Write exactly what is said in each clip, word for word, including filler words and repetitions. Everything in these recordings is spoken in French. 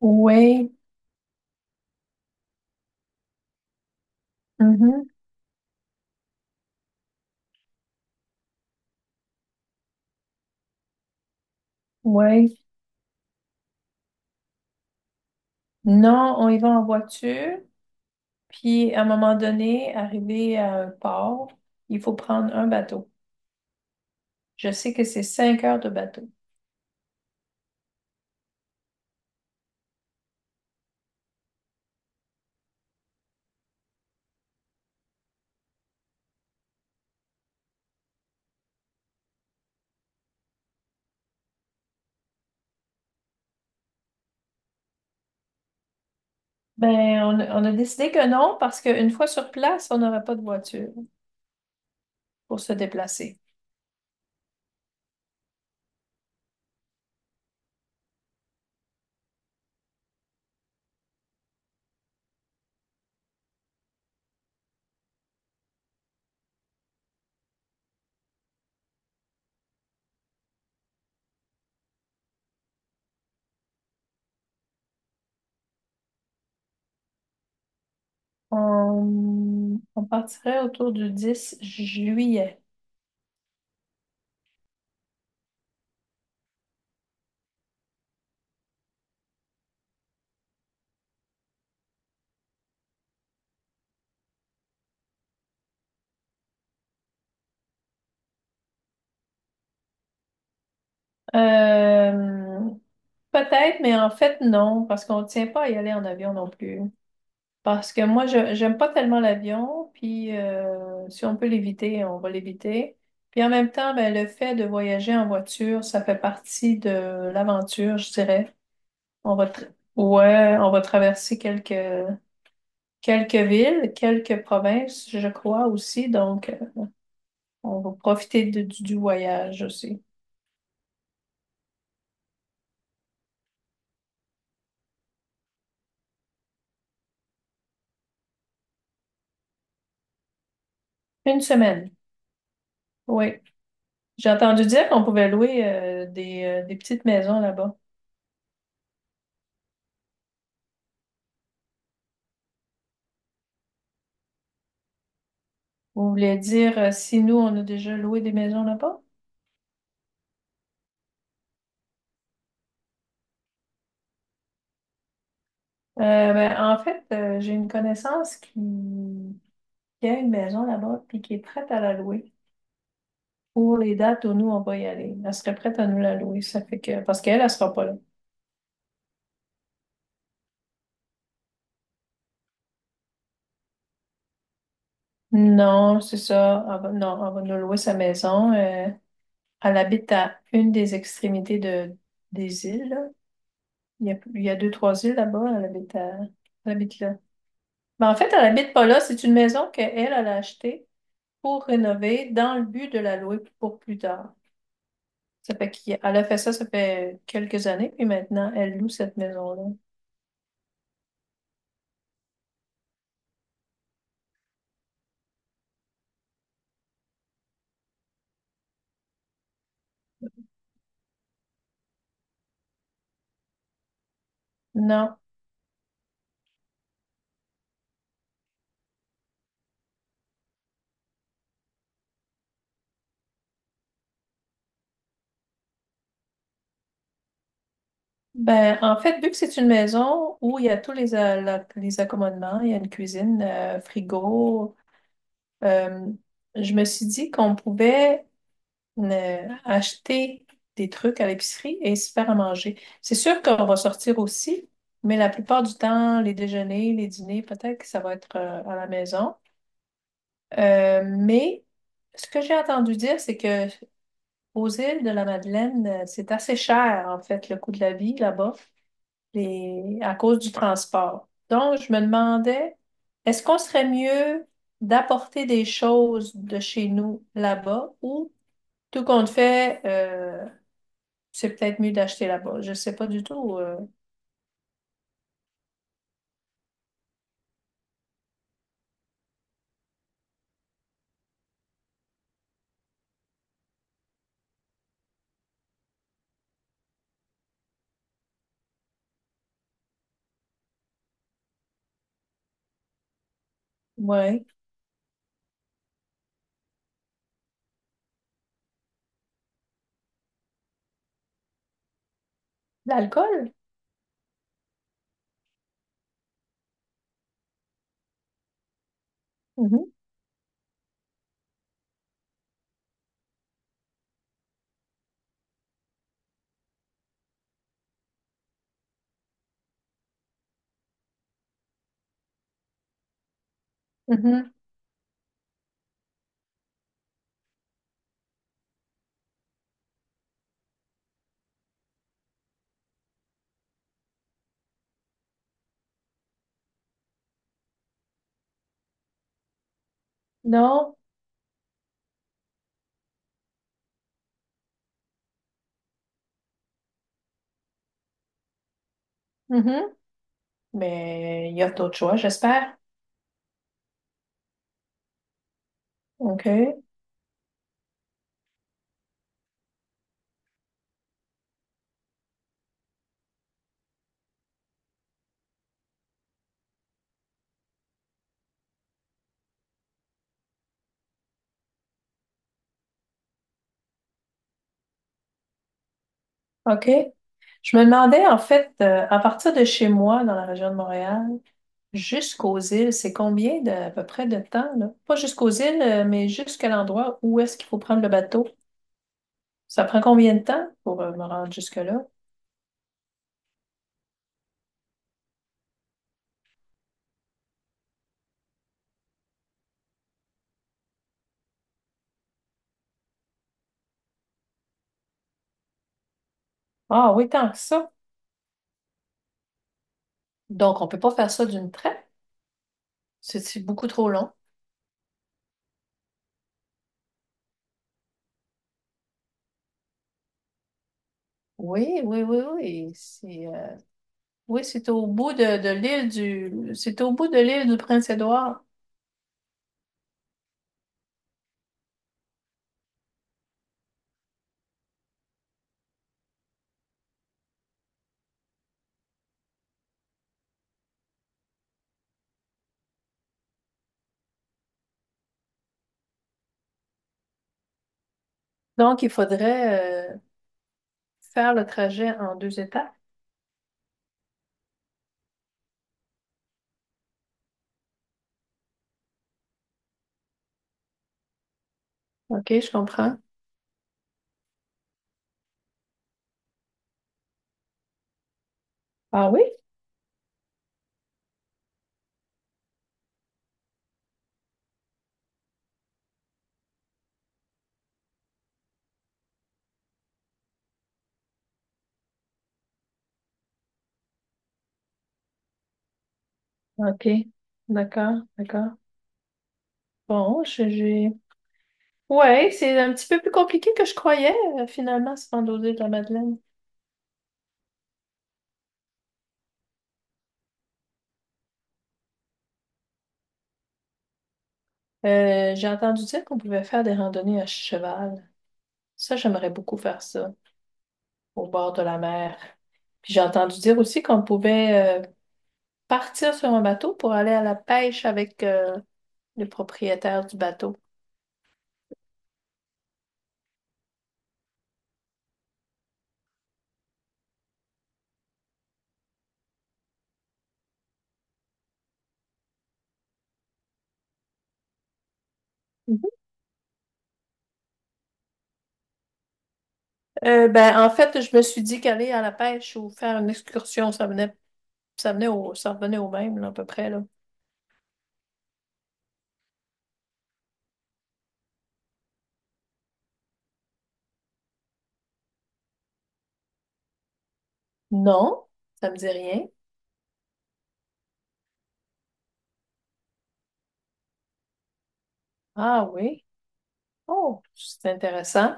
Oui, mhm, oui. Non, on y va en voiture, puis à un moment donné, arrivé à un port, il faut prendre un bateau. Je sais que c'est cinq heures de bateau. Ben, on, a on a décidé que non, parce qu'une fois sur place, on n'aurait pas de voiture pour se déplacer. On, on partirait autour du dix juillet. Euh, Peut-être, mais en fait, non, parce qu'on ne tient pas à y aller en avion non plus. Parce que moi, je j'aime pas tellement l'avion, puis euh, si on peut l'éviter, on va l'éviter. Puis en même temps, ben, le fait de voyager en voiture, ça fait partie de l'aventure, je dirais. On va tra- ouais, on va traverser quelques quelques villes, quelques provinces, je crois aussi. Donc, euh, on va profiter de- du, du voyage aussi. Une semaine, oui. J'ai entendu dire qu'on pouvait louer euh, des, euh, des petites maisons là-bas. Vous voulez dire euh, si nous, on a déjà loué des maisons là-bas? Euh, ben, En fait, euh, j'ai une connaissance qui... qui a une maison là-bas puis qui est prête à la louer pour les dates où nous, on va y aller. Elle serait prête à nous la louer, ça fait que... Parce qu'elle, elle sera pas là. Non, c'est ça. Elle va- Non, elle va nous louer sa maison. Euh, elle habite à une des extrémités de... des îles, là. Il y a... il y a deux, trois îles là-bas. Elle habite à... elle habite là. Mais en fait, elle habite pas là. C'est une maison qu'elle, elle elle a achetée pour rénover dans le but de la louer pour plus tard. Ça fait qu'elle a fait ça, ça fait quelques années, puis maintenant, elle loue cette maison-là. Non. Ben, en fait, vu que c'est une maison où il y a tous les, a- la- les accommodements, il y a une cuisine, euh, frigo, euh, je me suis dit qu'on pouvait euh, acheter des trucs à l'épicerie et se faire à manger. C'est sûr qu'on va sortir aussi, mais la plupart du temps, les déjeuners, les dîners, peut-être que ça va être euh, à la maison. Euh, mais ce que j'ai entendu dire, c'est que Aux îles de la Madeleine, euh, c'est assez cher, en fait, le coût de la vie là-bas, les- à cause du Ouais. transport. Donc, je me demandais, est-ce qu'on serait mieux d'apporter des choses de chez nous là-bas ou tout compte fait, euh, c'est peut-être mieux d'acheter là-bas? Je ne sais pas du tout. Euh, ouais. L'alcool? Mhm, mhm. Non? Mhm. Mais il y a d'autres choix, j'espère. OK. OK. Je me demandais, en fait, euh, à partir de chez moi, dans la région de Montréal, jusqu'aux îles, c'est combien de, à peu près de temps, là? Pas jusqu'aux îles, euh, mais jusqu'à l'endroit où est-ce qu'il faut prendre le bateau. Ça prend combien de temps pour euh, me rendre jusque-là? Ah oui, tant que ça. Donc, on peut pas faire ça d'une traite. C'est c'est beaucoup trop long. Oui, oui, oui, oui. C'est, euh, oui, c'est au bout de, de l'île du, c'est au bout de l'île du Prince-Édouard. Donc, il faudrait, euh, faire le trajet en deux étapes. OK, je comprends. Ah oui? OK. D'accord, d'accord. Bon, je- j'ai... Ouais, c'est un petit peu plus compliqué que je croyais, euh, finalement, se rendre aux îles de la Madeleine. Euh, j'ai entendu dire qu'on pouvait faire des randonnées à cheval. Ça, j'aimerais beaucoup faire ça, au bord de la mer. Puis j'ai entendu dire aussi qu'on pouvait euh, partir sur un bateau pour aller à la pêche avec euh, le propriétaire du bateau. Mhm. Euh, ben, en fait, je me suis dit qu'aller à la pêche ou faire une excursion, ça venait, ça venait au, ça revenait au même, là, à peu près, là. Non, ça me dit rien. Ah oui. Oh, c'est intéressant.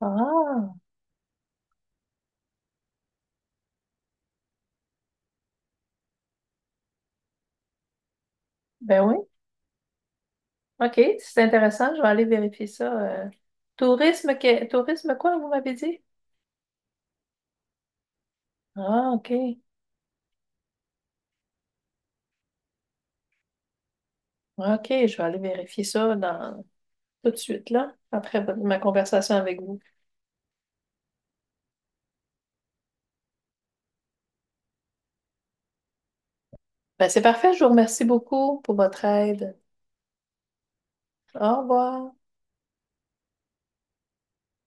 Ah, ben oui. OK, c'est intéressant. Je vais aller vérifier ça. Euh. Tourisme, que- tourisme quoi, vous m'avez dit? Ah, OK. OK, je vais aller vérifier ça dans... tout de suite, là, après votre- ma conversation avec vous. Ben, c'est parfait, je vous remercie beaucoup pour votre aide. Au revoir.